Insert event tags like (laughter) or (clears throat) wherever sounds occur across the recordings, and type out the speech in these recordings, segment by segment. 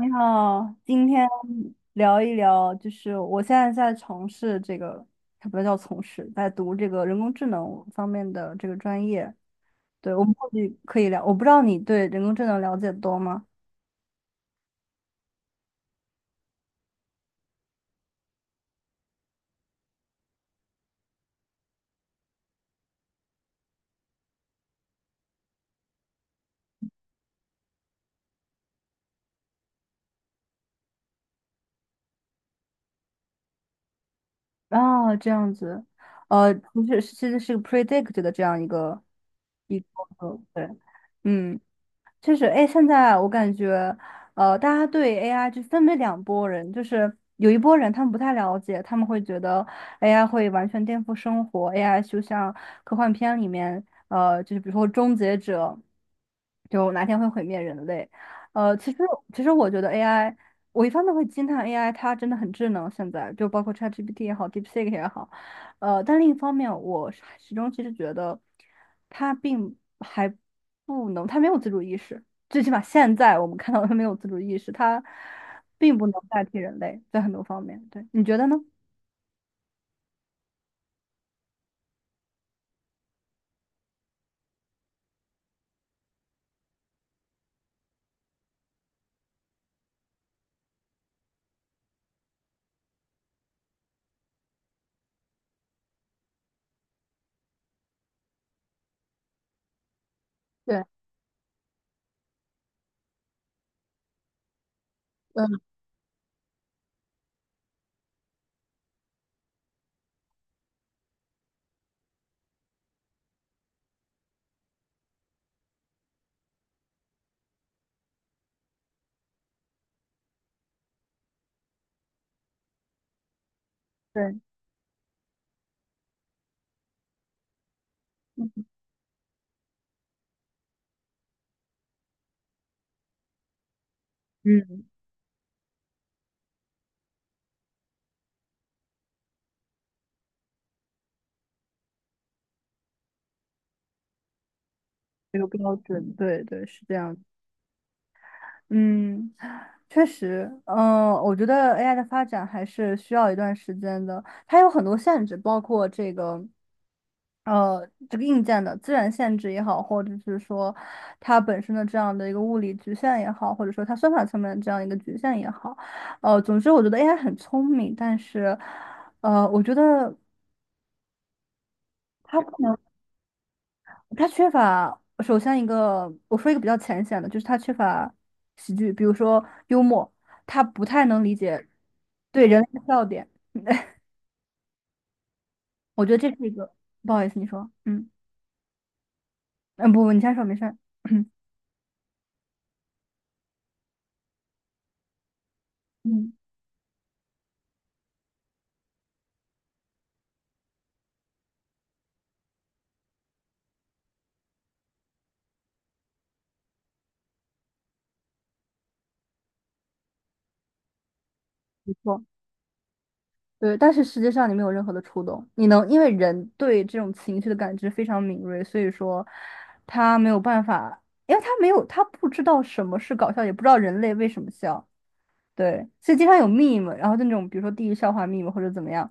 你好，今天聊一聊，就是我现在在从事这个，它不叫从事，在读这个人工智能方面的这个专业。对，我们或许可以聊，我不知道你对人工智能了解得多吗？啊，这样子，不是，其实是 predict 的这样一个一个，对，嗯。就是哎，现在我感觉，大家对 AI 就分为两拨人，就是有一拨人他们不太了解，他们会觉得 AI 会完全颠覆生活，AI 就像科幻片里面，就是比如说终结者，就哪天会毁灭人类。呃，其实其实我觉得 AI，我一方面会惊叹 AI 它真的很智能，现在就包括 ChatGPT 也好，DeepSeek 也好，呃，但另一方面，我始终其实觉得它并还。不能，他没有自主意识，最起码现在我们看到他没有自主意识，他并不能代替人类在很多方面。对，你觉得呢？对，嗯，对，嗯，这个标准，对对，是这样的。嗯，确实，嗯、我觉得 AI 的发展还是需要一段时间的，它有很多限制，包括这个，这个硬件的自然限制也好，或者是说它本身的这样的一个物理局限也好，或者说它算法层面的这样一个局限也好，总之我觉得 AI 很聪明，但是，呃，我觉得。能。他缺乏，首先一个，我说一个比较浅显的，就是他缺乏喜剧，比如说幽默，他不太能理解对人类的笑点。(laughs) 我觉得这是一个，不好意思，你说，嗯嗯，不不，你先说，没事儿，(laughs) (clears throat) 嗯，没错，对，但是实际上你没有任何的触动，你能因为人对这种情绪的感知非常敏锐，所以说他没有办法，因为他没有，他不知道什么是搞笑，也不知道人类为什么笑。对，所以经常有 meme，然后就那种比如说地狱笑话 meme 或者怎么样，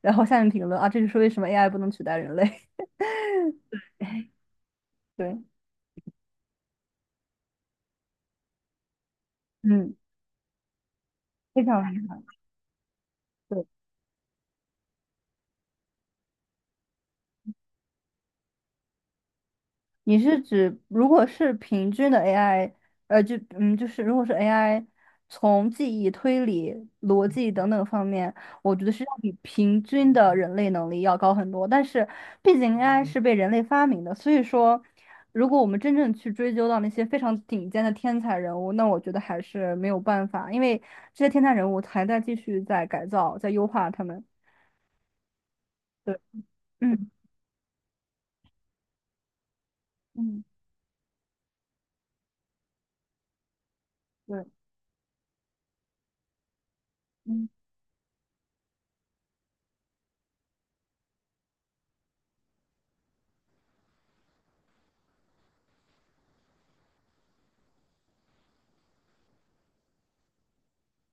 然后下面评论啊，这就是为什么 AI 不能取代人类。(laughs) 对，嗯，非常对。你是指如果是平均的 AI，就是如果是 AI 从记忆、推理、逻辑等等方面，我觉得是要比平均的人类能力要高很多。但是，毕竟 AI 是被人类发明的，所以说，如果我们真正去追究到那些非常顶尖的天才人物，那我觉得还是没有办法，因为这些天才人物还在继续在改造、在优化他们。对，嗯嗯，对。嗯，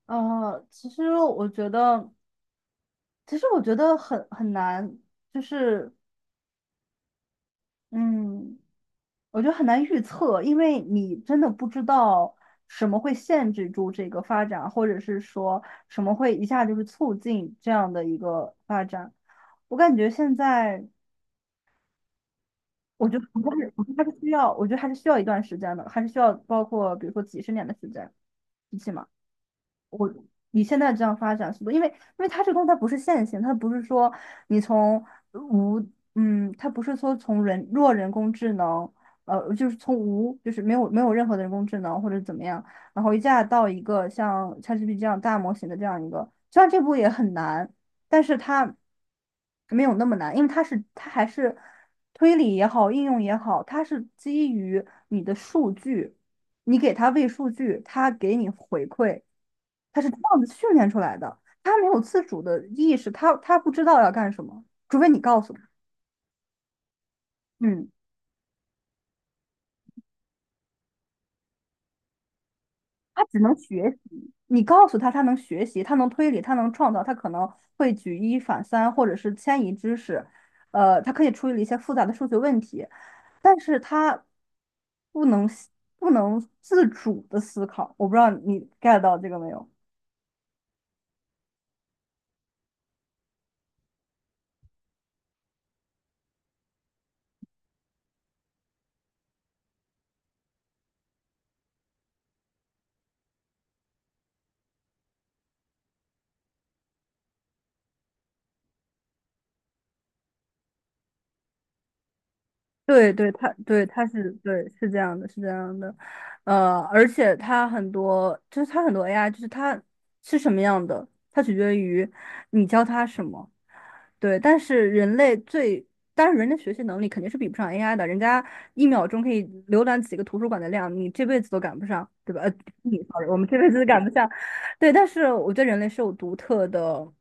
其实我觉得。其实我觉得很难，就是嗯，我觉得很难预测，因为你真的不知道什么会限制住这个发展，或者是说什么会一下就是促进这样的一个发展。我感觉现在，我觉得还是需要一段时间的，还是需要包括比如说几十年的时间，一起嘛。你现在这样发展速度，因为它这个东西它不是线性，它不是说你从无，嗯，它不是说从人弱人工智能，就是从无，就是没有任何的人工智能或者怎么样，然后一下到一个像 ChatGPT 这样大模型的这样一个，虽然这步也很难，但是它没有那么难，因为它是它还是推理也好，应用也好，它是基于你的数据，你给它喂数据，它给你回馈。他是这样子训练出来的，他没有自主的意识，他不知道要干什么，除非你告诉他。嗯，他只能学习，你告诉他，他能学习，他能推理，他能创造，他可能会举一反三，或者是迁移知识，他可以处理一些复杂的数学问题，但是他不能不能自主的思考。我不知道你 get 到这个没有？对对，他对他是对是这样的，是这样的，而且它很多就是它很多 AI，就是它是什么样的，它取决于你教它什么。对，但是人类最，但是人的学习能力肯定是比不上 AI 的，人家一秒钟可以浏览几个图书馆的量，你这辈子都赶不上，对吧？呃，你 sorry，我们这辈子都赶不上。对，但是我觉得人类是有独特的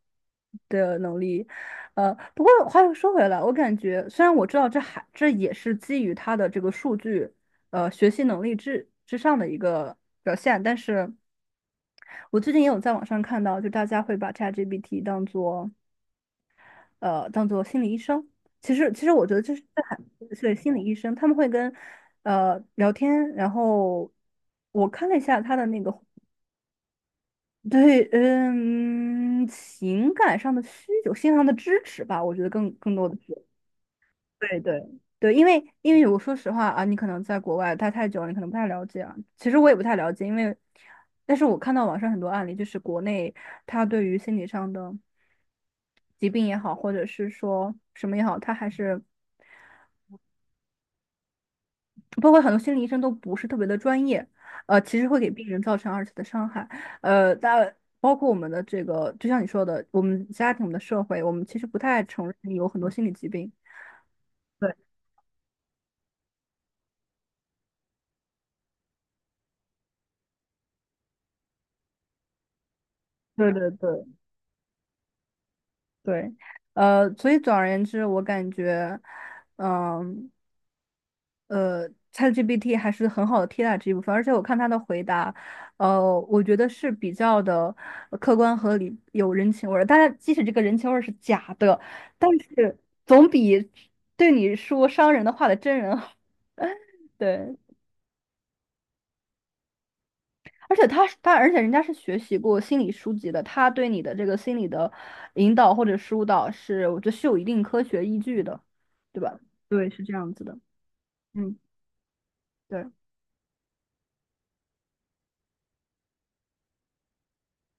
能力。不过话又说回来，我感觉虽然我知道这还这也是基于它的这个数据，学习能力之上的一个表现，但是我最近也有在网上看到，就大家会把 ChatGPT 当做。呃当做心理医生。其实我觉得这是这还是心理医生，他们会跟呃聊天，然后我看了一下他的那个对嗯情感上的需求，心理上的支持吧，我觉得更多的是对对。对，因为我说实话啊，你可能在国外待太久了，你可能不太了解啊。其实我也不太了解，因为，但是我看到网上很多案例，就是国内他对于心理上的疾病也好，或者是说什么也好，他还是包括很多心理医生都不是特别的专业，其实会给病人造成二次的伤害，呃，但包括我们的这个，就像你说的，我们家庭、我们的社会，我们其实不太承认你有很多心理疾病。对，对对对对，所以总而言之，我感觉，嗯、ChatGPT 还是很好的替代这一部分，而且我看他的回答，我觉得是比较的呃客观合理，有人情味儿。但是即使这个人情味儿是假的，但是总比对你说伤人的话的真人好。(laughs) 对，而且人家是学习过心理书籍的，他对你的这个心理的引导或者疏导是，我觉得是有一定科学依据的，对吧？对，是这样子的。嗯，对，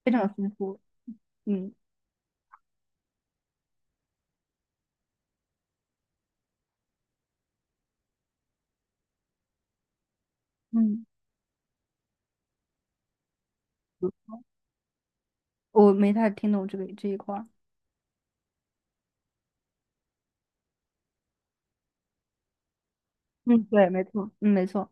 非常有丰富。嗯。嗯。我没太听懂这个这一块儿。嗯，对，没错，嗯，没错，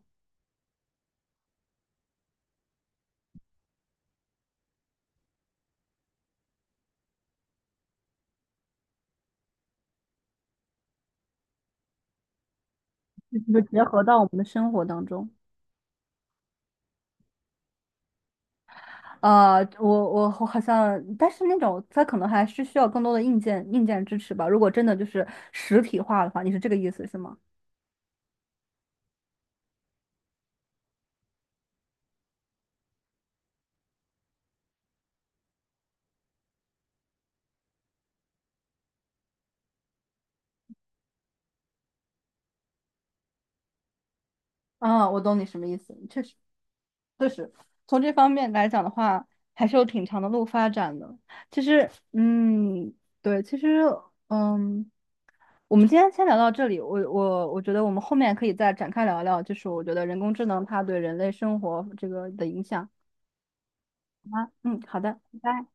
就是结合到我们的生活当中。啊，我好像，但是那种它可能还是需要更多的硬件支持吧。如果真的就是实体化的话，你是这个意思是吗？啊，我懂你什么意思，确实。确实，从这方面来讲的话，还是有挺长的路发展的。其实，嗯，对，其实，嗯，我们今天先聊到这里。我觉得我们后面可以再展开聊一聊，就是我觉得人工智能它对人类生活这个的影响。好吗？嗯，好的，拜拜。